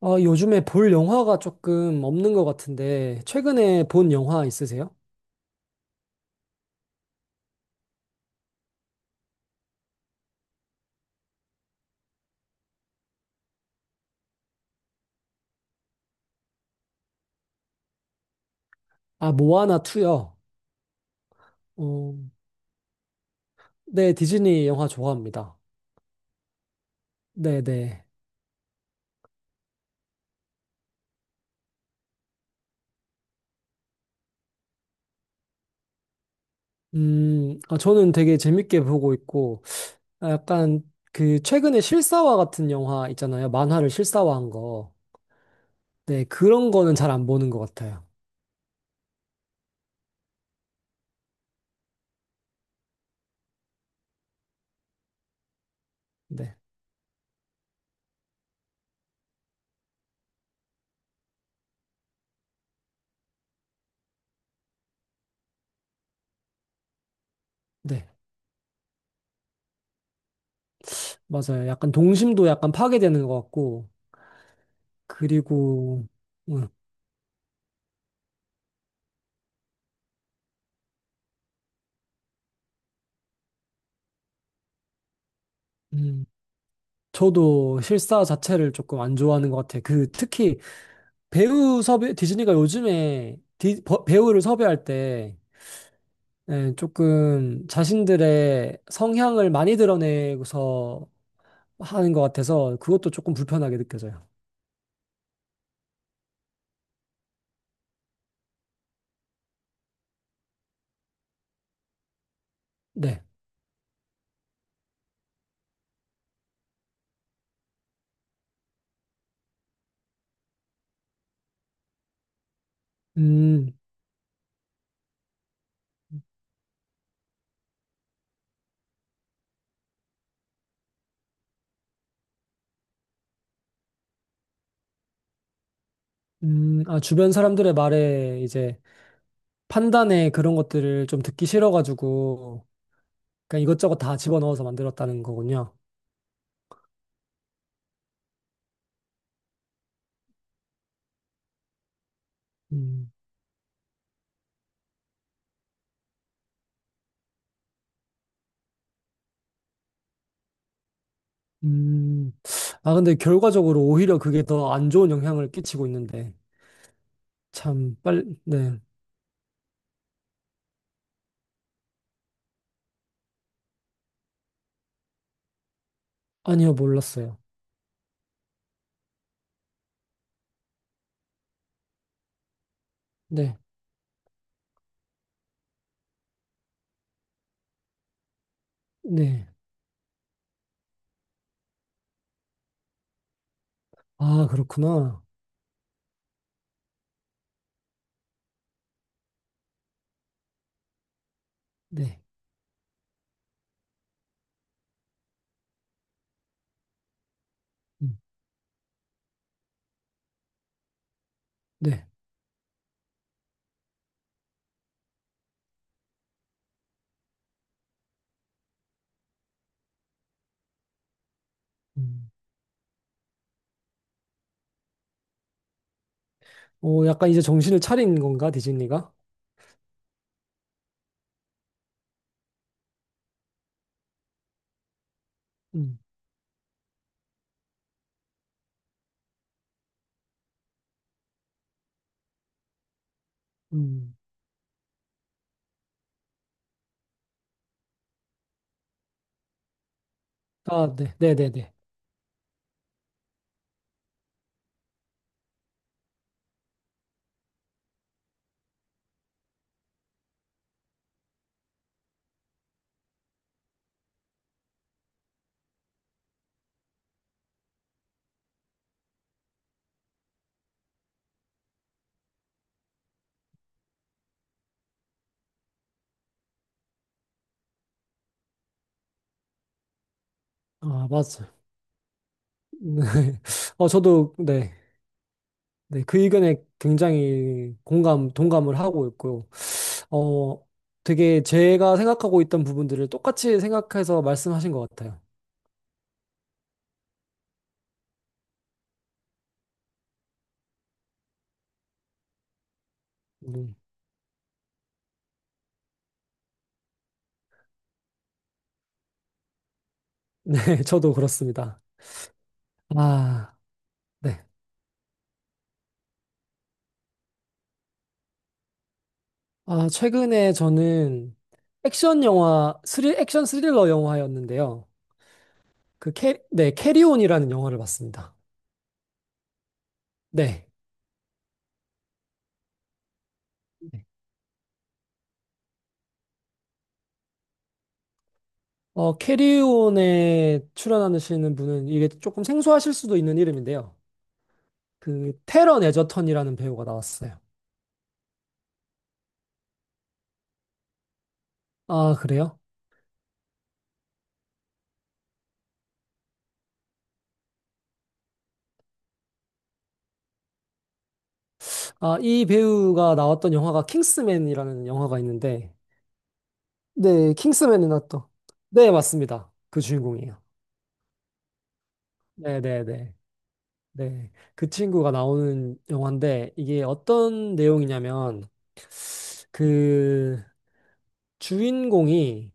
아, 요즘에 볼 영화가 조금 없는 것 같은데, 최근에 본 영화 있으세요? 아, 모아나 2요. 어, 네, 디즈니 영화 좋아합니다. 네네. 아, 저는 되게 재밌게 보고 있고, 아, 약간 그 최근에 실사화 같은 영화 있잖아요. 만화를 실사화한 거. 네, 그런 거는 잘 안 보는 것 같아요. 네, 네, 맞아요. 약간 동심도 약간 파괴되는 것 같고, 그리고, 음, 음. 저도 실사 자체를 조금 안 좋아하는 것 같아요. 그 특히 배우 섭외 디즈니가 요즘에 배우를 섭외할 때 예, 조금 자신들의 성향을 많이 드러내고서 하는 것 같아서 그것도 조금 불편하게 느껴져요. 네. 음, 아, 주변 사람들의 말에 이제 판단에 그런 것들을 좀 듣기 싫어가지고 그냥 이것저것 다 집어넣어서 만들었다는 거군요. 음. 음, 아, 근데 결과적으로 오히려 그게 더 안 좋은 영향을 끼치고 있는데, 참, 빨리, 네. 아니요, 몰랐어요. 네, 네. 아, 그렇구나. 네, 음, 네. 음. 오, 약간 이제 정신을 차린 건가, 디즈니가? 음, 음. 아, 네, 네네 네. 아, 맞아요. 네. 어, 저도, 네. 네, 그 의견에 굉장히 공감, 동감을 하고 있고, 어, 되게 제가 생각하고 있던 부분들을 똑같이 생각해서 말씀하신 것 같아요. 음, 네, 저도 그렇습니다. 아, 네. 아, 최근에 저는 액션 영화, 액션 스릴러 영화였는데요. 그 네, 캐리온이라는 영화를 봤습니다. 네. 네. 캐리온에 출연하시는 분은 이게 조금 생소하실 수도 있는 이름인데요. 그 테런 에저턴이라는 배우가 나왔어요. 아, 그래요? 아, 이 배우가 나왔던 영화가 킹스맨이라는 영화가 있는데, 네, 킹스맨이 나왔던. 네, 맞습니다. 그 주인공이에요. 네네네. 네. 그 친구가 나오는 영화인데 이게 어떤 내용이냐면 그 주인공이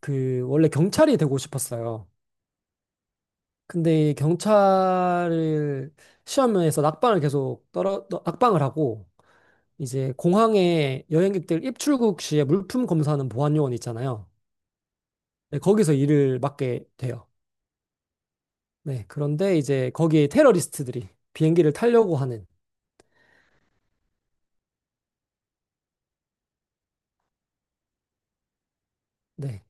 그 원래 경찰이 되고 싶었어요. 근데 이 경찰을 시험에서 낙방을 계속 떨어 낙방을 하고 이제 공항에 여행객들 입출국 시에 물품 검사하는 보안 요원 있잖아요. 네, 거기서 일을 맡게 돼요. 네. 그런데 이제 거기에 테러리스트들이 비행기를 타려고 하는 네.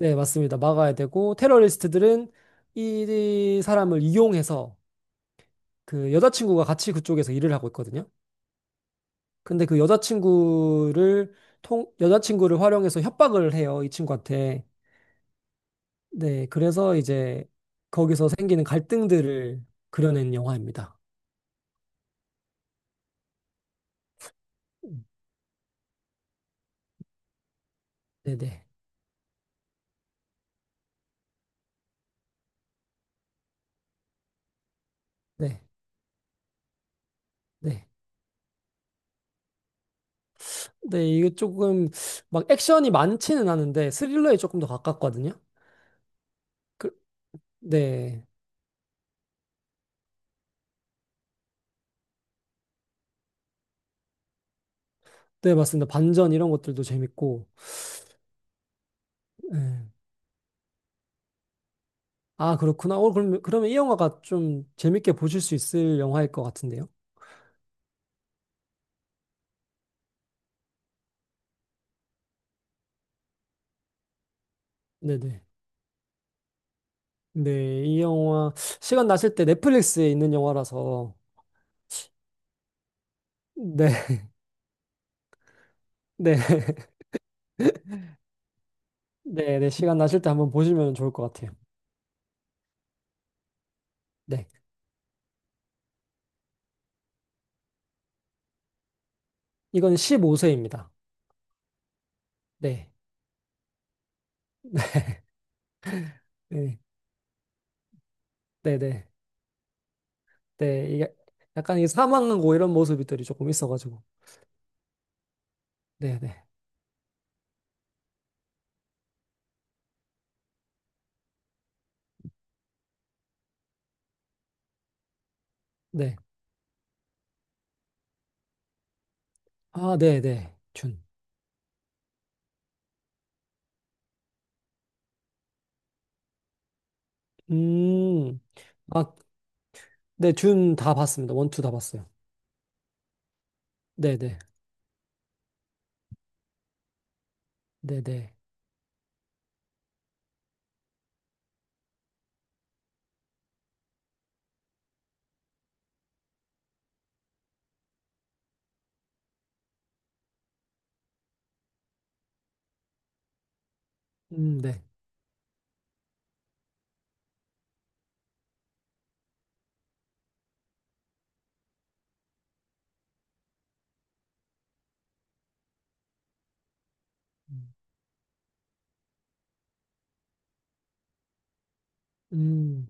네, 맞습니다. 막아야 되고, 테러리스트들은 이 사람을 이용해서 그 여자친구가 같이 그쪽에서 일을 하고 있거든요. 근데 그 여자친구를 여자친구를 활용해서 협박을 해요. 이 친구한테. 네, 그래서 이제 거기서 생기는 갈등들을 그려낸 영화입니다. 음, 네네. 네. 네. 네, 이게 조금 막 액션이 많지는 않은데 스릴러에 조금 더 가깝거든요. 그, 네. 네, 맞습니다. 반전 이런 것들도 재밌고. 네. 아, 그렇구나. 그러면 이 영화가 좀 재밌게 보실 수 있을 영화일 것 같은데요. 네네. 네, 이 영화, 시간 나실 때 넷플릭스에 있는 영화라서, 네, 네, 네, 네, 시간 나실 때 한번 보시면 좋을 것 같아요. 네. 이건 15세입니다. 네, 네, 네, 네. 네, 이게 약간 이 사망하고 이런 모습들이 조금 있어가지고. 네, 네, 네. 아, 네, 네. 준. 음, 아, 네, 준 다 봤습니다. 원, 투 다 봤어요. 네, 네, 네, 네. 네. 음,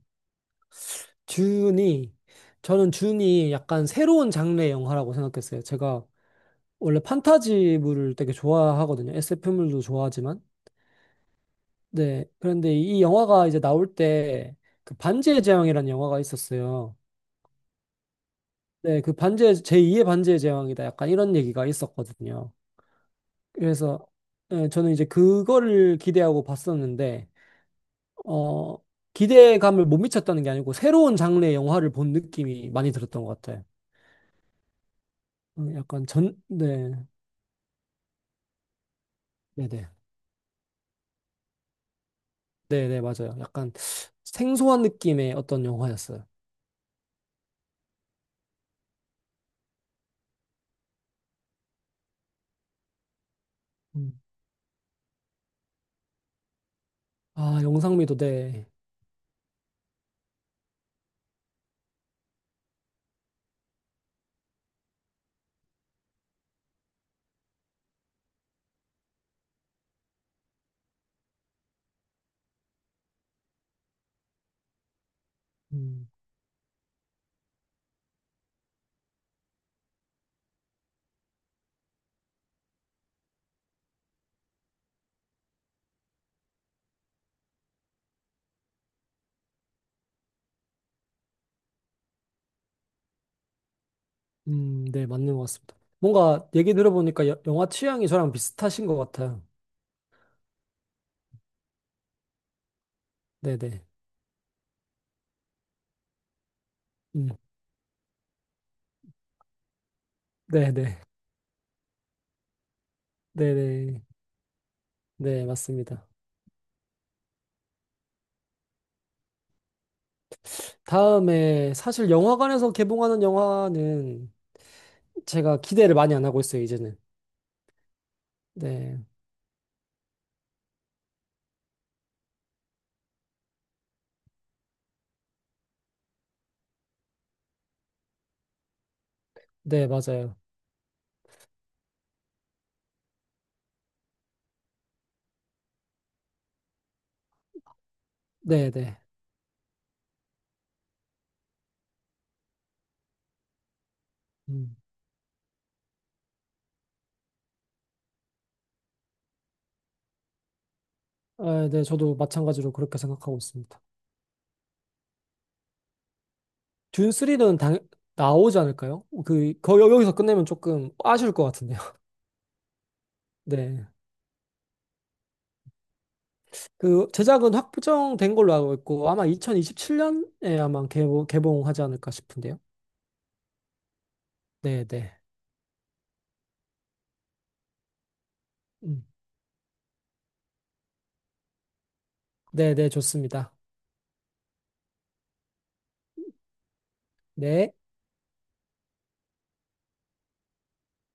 준이, 저는 준이 약간 새로운 장르의 영화라고 생각했어요. 제가 원래 판타지물을 되게 좋아하거든요. SF물도 좋아하지만. 네. 그런데 이 영화가 이제 나올 때 그 반지의 제왕이라는 영화가 있었어요. 네. 제2의 반지의 제왕이다. 약간 이런 얘기가 있었거든요. 그래서 예, 저는 이제 그거를 기대하고 봤었는데, 어, 기대감을 못 미쳤다는 게 아니고 새로운 장르의 영화를 본 느낌이 많이 들었던 것 같아요. 약간 네, 네네. 네네, 맞아요. 약간 생소한 느낌의 어떤 영화였어요. 음. 아, 영상미도 네. 음, 네, 맞는 것 같습니다. 뭔가 얘기 들어보니까 영화 취향이 저랑 비슷하신 것 같아요. 네네. 음, 네네. 네네. 네, 맞습니다. 다음에 사실 영화관에서 개봉하는 영화는 제가 기대를 많이 안 하고 있어요, 이제는. 네. 네, 맞아요. 네네. 음. 아, 네, 저도 마찬가지로 그렇게 생각하고 있습니다. 듄 3는 당 나오지 않을까요? 여기서 끝내면 조금 아쉬울 것 같은데요. 네. 그 제작은 확정된 걸로 알고 있고 아마 2027년에 아마 개봉하지 않을까 싶은데요. 네, 네. 음. 네, 네, 좋습니다. 네.